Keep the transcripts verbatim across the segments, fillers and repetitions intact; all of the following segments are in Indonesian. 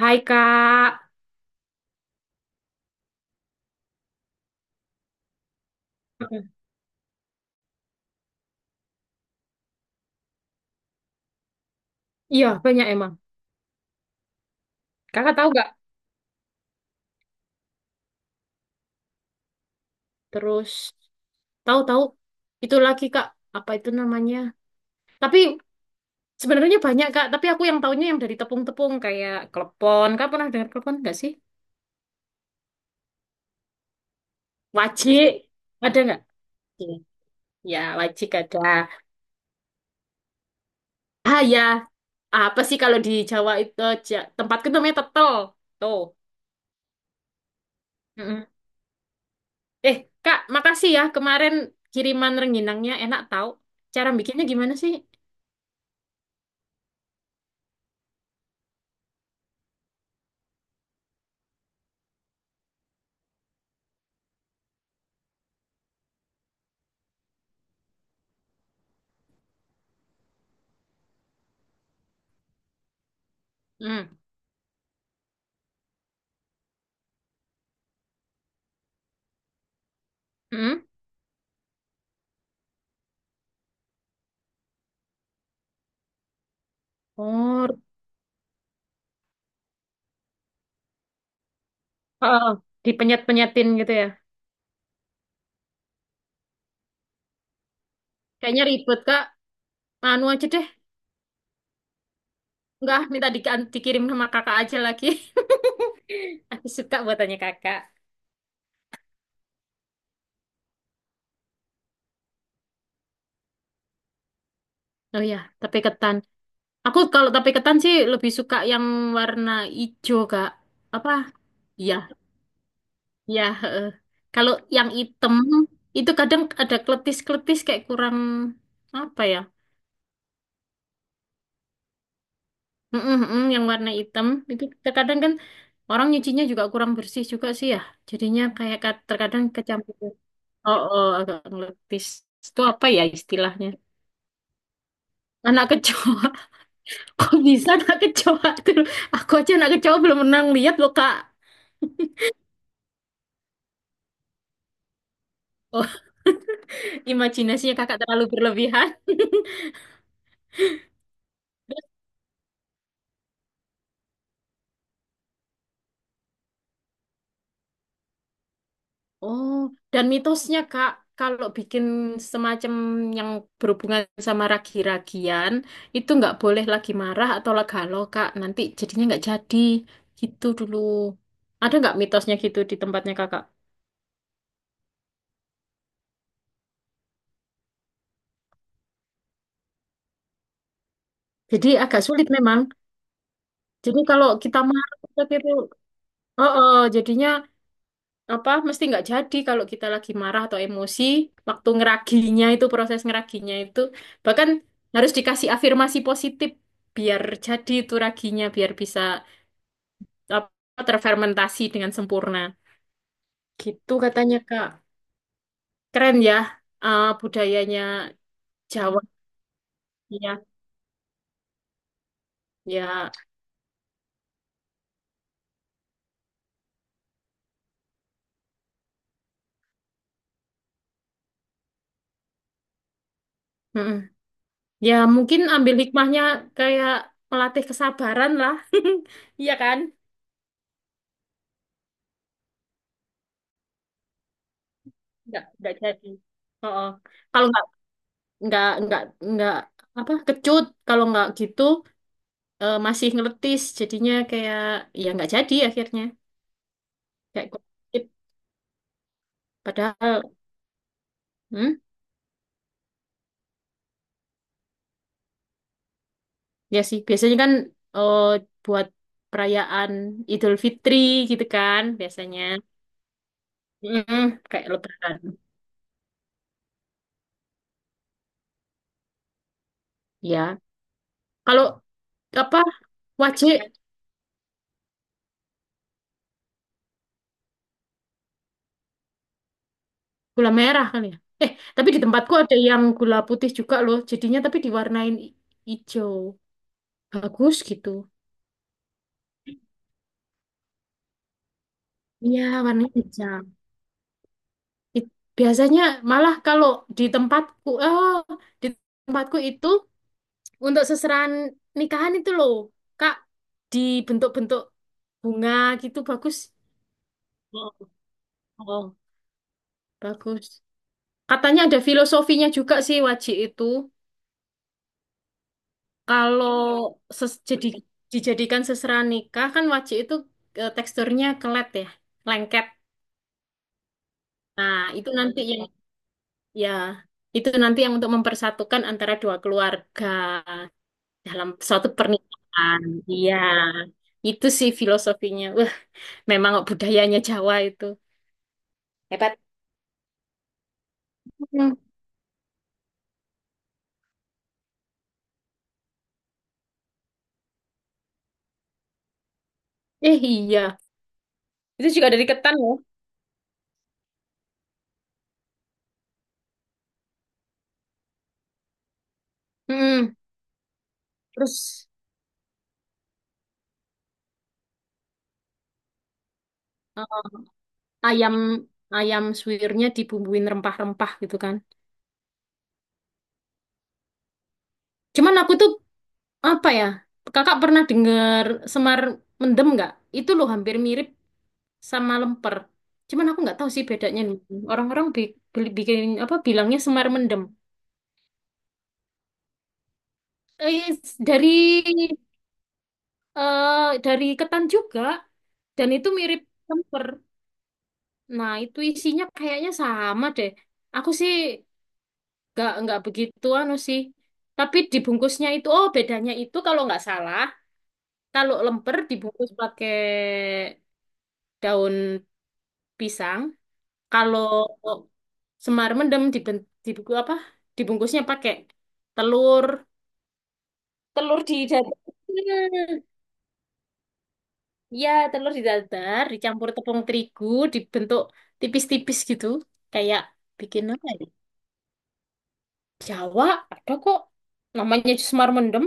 Hai Kak. Apa? Iya, banyak emang. Kakak tahu nggak? Terus tahu-tahu itu lagi Kak, apa itu namanya? Tapi sebenarnya banyak Kak, tapi aku yang taunya yang dari tepung-tepung kayak klepon. Kak pernah dengar klepon nggak sih? Wajik. Ada nggak? Iya. Ya, wajik ada. Ah ya, apa sih kalau di Jawa itu Ja- tempatku namanya tetel. Tuh. Mm-mm. Eh, Kak, makasih ya kemarin kiriman rengginangnya enak tahu. Cara bikinnya gimana sih? Hmm. Hmm. Heeh, dipenyet-penyetin gitu ya. Kayaknya ribet, Kak. Anu aja deh. Enggak, minta di- dikirim sama kakak aja lagi. Aku suka buatannya kakak. Oh ya, tape ketan. Aku kalau tape ketan sih lebih suka yang warna ijo, Kak. Apa? Iya, iya. Heeh. Kalau yang hitam, itu kadang ada kletis-kletis kayak kurang apa ya? Mm-mm, mm, yang warna hitam itu terkadang kan orang nyucinya juga kurang bersih juga sih ya. Jadinya kayak kad- terkadang kecampur. Oh, oh, agak ngeletis. Itu apa ya istilahnya? Anak kecoa. Kok bisa anak kecoa tuh? Aku aja anak kecoa belum pernah lihat loh, Kak. Oh, imajinasinya kakak terlalu berlebihan. Oh, dan mitosnya, Kak, kalau bikin semacam yang berhubungan sama ragi-ragian, itu nggak boleh lagi marah atau galau Kak. Nanti jadinya nggak jadi. Gitu dulu. Ada nggak mitosnya gitu di tempatnya kakak? Jadi agak sulit memang. Jadi kalau kita marah, kita gitu. Oh, oh, jadinya apa mesti nggak jadi kalau kita lagi marah atau emosi waktu ngeraginya itu, proses ngeraginya itu bahkan harus dikasih afirmasi positif biar jadi itu raginya, biar bisa apa terfermentasi dengan sempurna gitu katanya Kak. Keren ya, eh, budayanya Jawa, ya, ya. Mm-mm. Ya mungkin ambil hikmahnya kayak melatih kesabaran lah. Iya kan? Nggak nggak jadi, oh, oh. Kalau nggak nggak nggak apa kecut, kalau nggak gitu eh, masih ngeletis jadinya, kayak ya nggak jadi akhirnya, kayak kulit. Padahal hmm, ya sih biasanya kan eh, buat perayaan Idul Fitri gitu kan biasanya. Mm, kayak lebaran ya. Kalau apa, wajib, gula merah kali ya. Eh tapi di tempatku ada yang gula putih juga loh jadinya, tapi diwarnain i- hijau, bagus gitu. Iya warnanya hijau. It- Biasanya malah kalau di tempatku, oh, di tempatku itu untuk seserahan nikahan itu loh, Kak, dibentuk-bentuk bunga gitu, bagus. Oh, oh. Bagus. Katanya ada filosofinya juga sih wajik itu. Kalau ses- jadi dijadikan seserahan nikah kan wajik itu eh, teksturnya kelet ya, lengket. Nah, itu nanti yang ya, itu nanti yang untuk mempersatukan antara dua keluarga dalam suatu pernikahan. Iya, itu sih filosofinya. Wah, memang budayanya Jawa itu hebat. Hmm. Eh iya, itu juga dari ketan ya. Hmm. Terus eh, ayam ayam suwirnya dibumbuin rempah-rempah gitu kan. Cuman aku tuh apa ya? Kakak pernah dengar semar mendem nggak? Itu loh hampir mirip sama lemper. Cuman aku nggak tahu sih bedanya nih. Orang-orang bi- bi- bikin apa bilangnya semar mendem. Eh, dari eh dari ketan juga, dan itu mirip kemper. Nah, itu isinya kayaknya sama deh. Aku sih nggak nggak begitu anu sih. Tapi dibungkusnya itu, oh, bedanya itu kalau nggak salah, kalau lemper dibungkus pakai daun pisang, kalau semar mendem diben, dibuku apa? Dibungkusnya pakai telur, telur di dada. Iya, telur didadar, dicampur tepung terigu, dibentuk tipis-tipis gitu. Kayak bikin apa ya? Jawa, ada kok. Namanya Semar Mendem.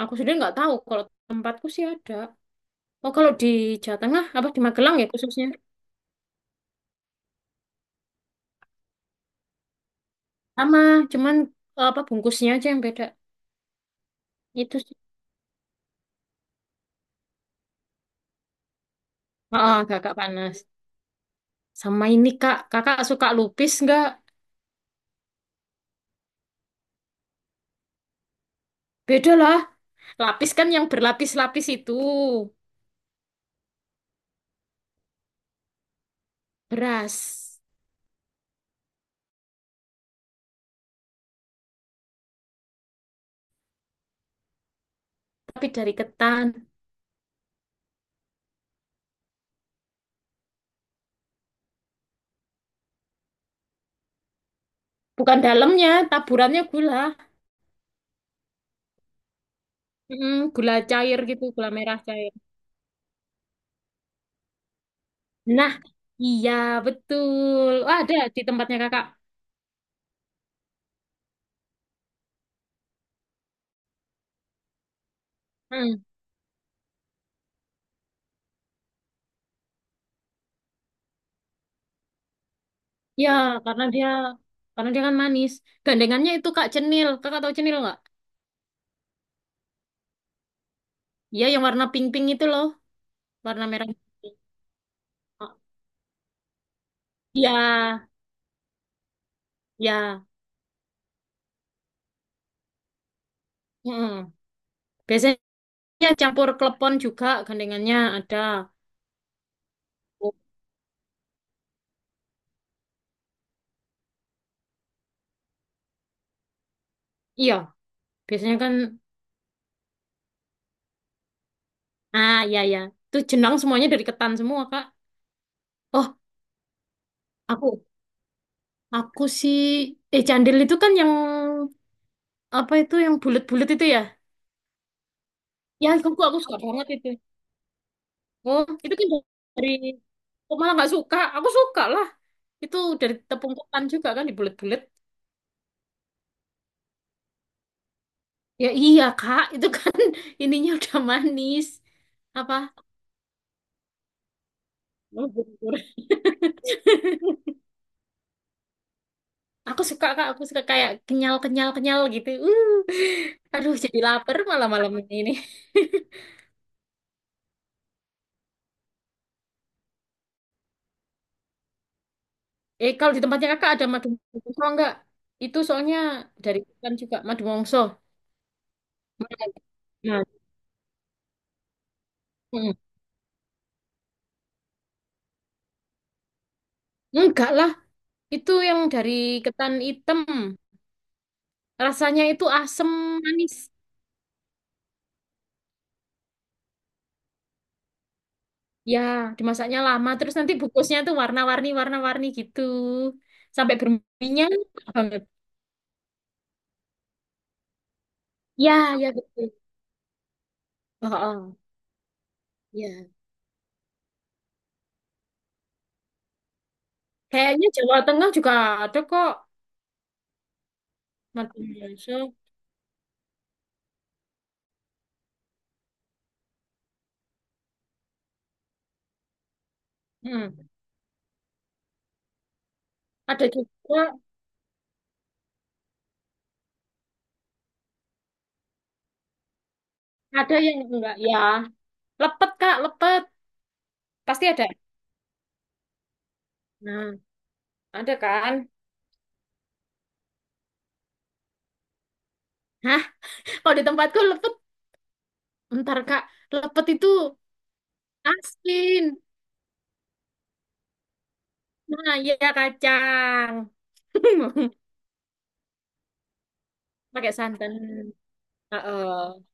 Aku sudah nggak tahu, kalau tempatku sih ada. Oh, kalau di Jawa Tengah, apa di Magelang ya khususnya? Sama, cuman eh, apa bungkusnya aja yang beda. Itu sih. Oh, kakak panas. Sama ini kak, kakak suka lupis nggak? Beda lah. Lapis kan yang berlapis-lapis itu. Beras. Tapi dari ketan. Bukan dalamnya, taburannya gula. Mm, gula cair gitu, gula merah cair. Nah, iya betul. Wah, ada di tempatnya kakak. Mm. Ya, karena dia karena dia kan manis. Gandengannya itu Kak Cenil. Kakak tahu Cenil nggak? Iya, yang warna pink-pink itu loh, warna merah. Oh, iya, iya. Mm. Biasanya campur klepon juga gandengannya ada. Oh, iya, biasanya kan ah iya ya. Itu jenang semuanya dari ketan semua, Kak. Oh, aku Aku sih, eh candil itu kan yang apa, itu yang bulat-bulat itu ya? Ya, aku aku suka banget itu. Oh, itu kan dari, kok malah nggak suka. Aku suka lah. Itu dari tepung ketan juga kan, dibulet-bulet. Ya iya kak, itu kan ininya udah manis. Apa? Aku suka kak, aku suka kayak kenyal-kenyal-kenyal gitu. Uh, aduh jadi lapar malah malam ini. Eh, kalau di tempatnya kakak ada madu mongso nggak? Itu soalnya dari kan juga madu mongso. Nah, mm, enggak lah, itu yang dari ketan hitam. Rasanya itu asem manis. Ya, dimasaknya lama, terus nanti bukusnya tuh warna-warni, warna-warni gitu. Sampai berminyak banget. Ya, ya betul. Oh, oh, ya. Kayaknya Jawa Tengah juga ada kok. Madu Malaysia. Hmm. Ada juga, ada yang enggak ya. Lepet, Kak, lepet. Pasti ada. Nah, ada kan? Hah? Kalau di tempatku lepet, bentar Kak. Lepet itu asin. Nah, iya kacang. Pakai santan. Heeh.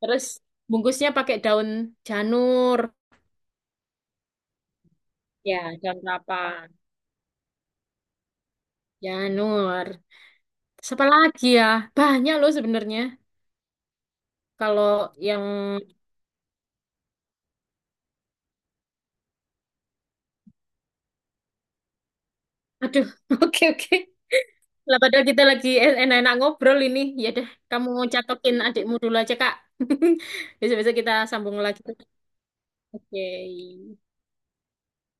Terus bungkusnya pakai daun janur. Ya, daun kelapa. Janur. Terus apa lagi ya? Banyak loh sebenarnya. Kalau yang... Aduh, oke oke. Lah padahal kita lagi enak-enak ngobrol ini. Ya deh, kamu catokin adikmu dulu aja, Kak. Besok-besok kita sambung lagi. Oke.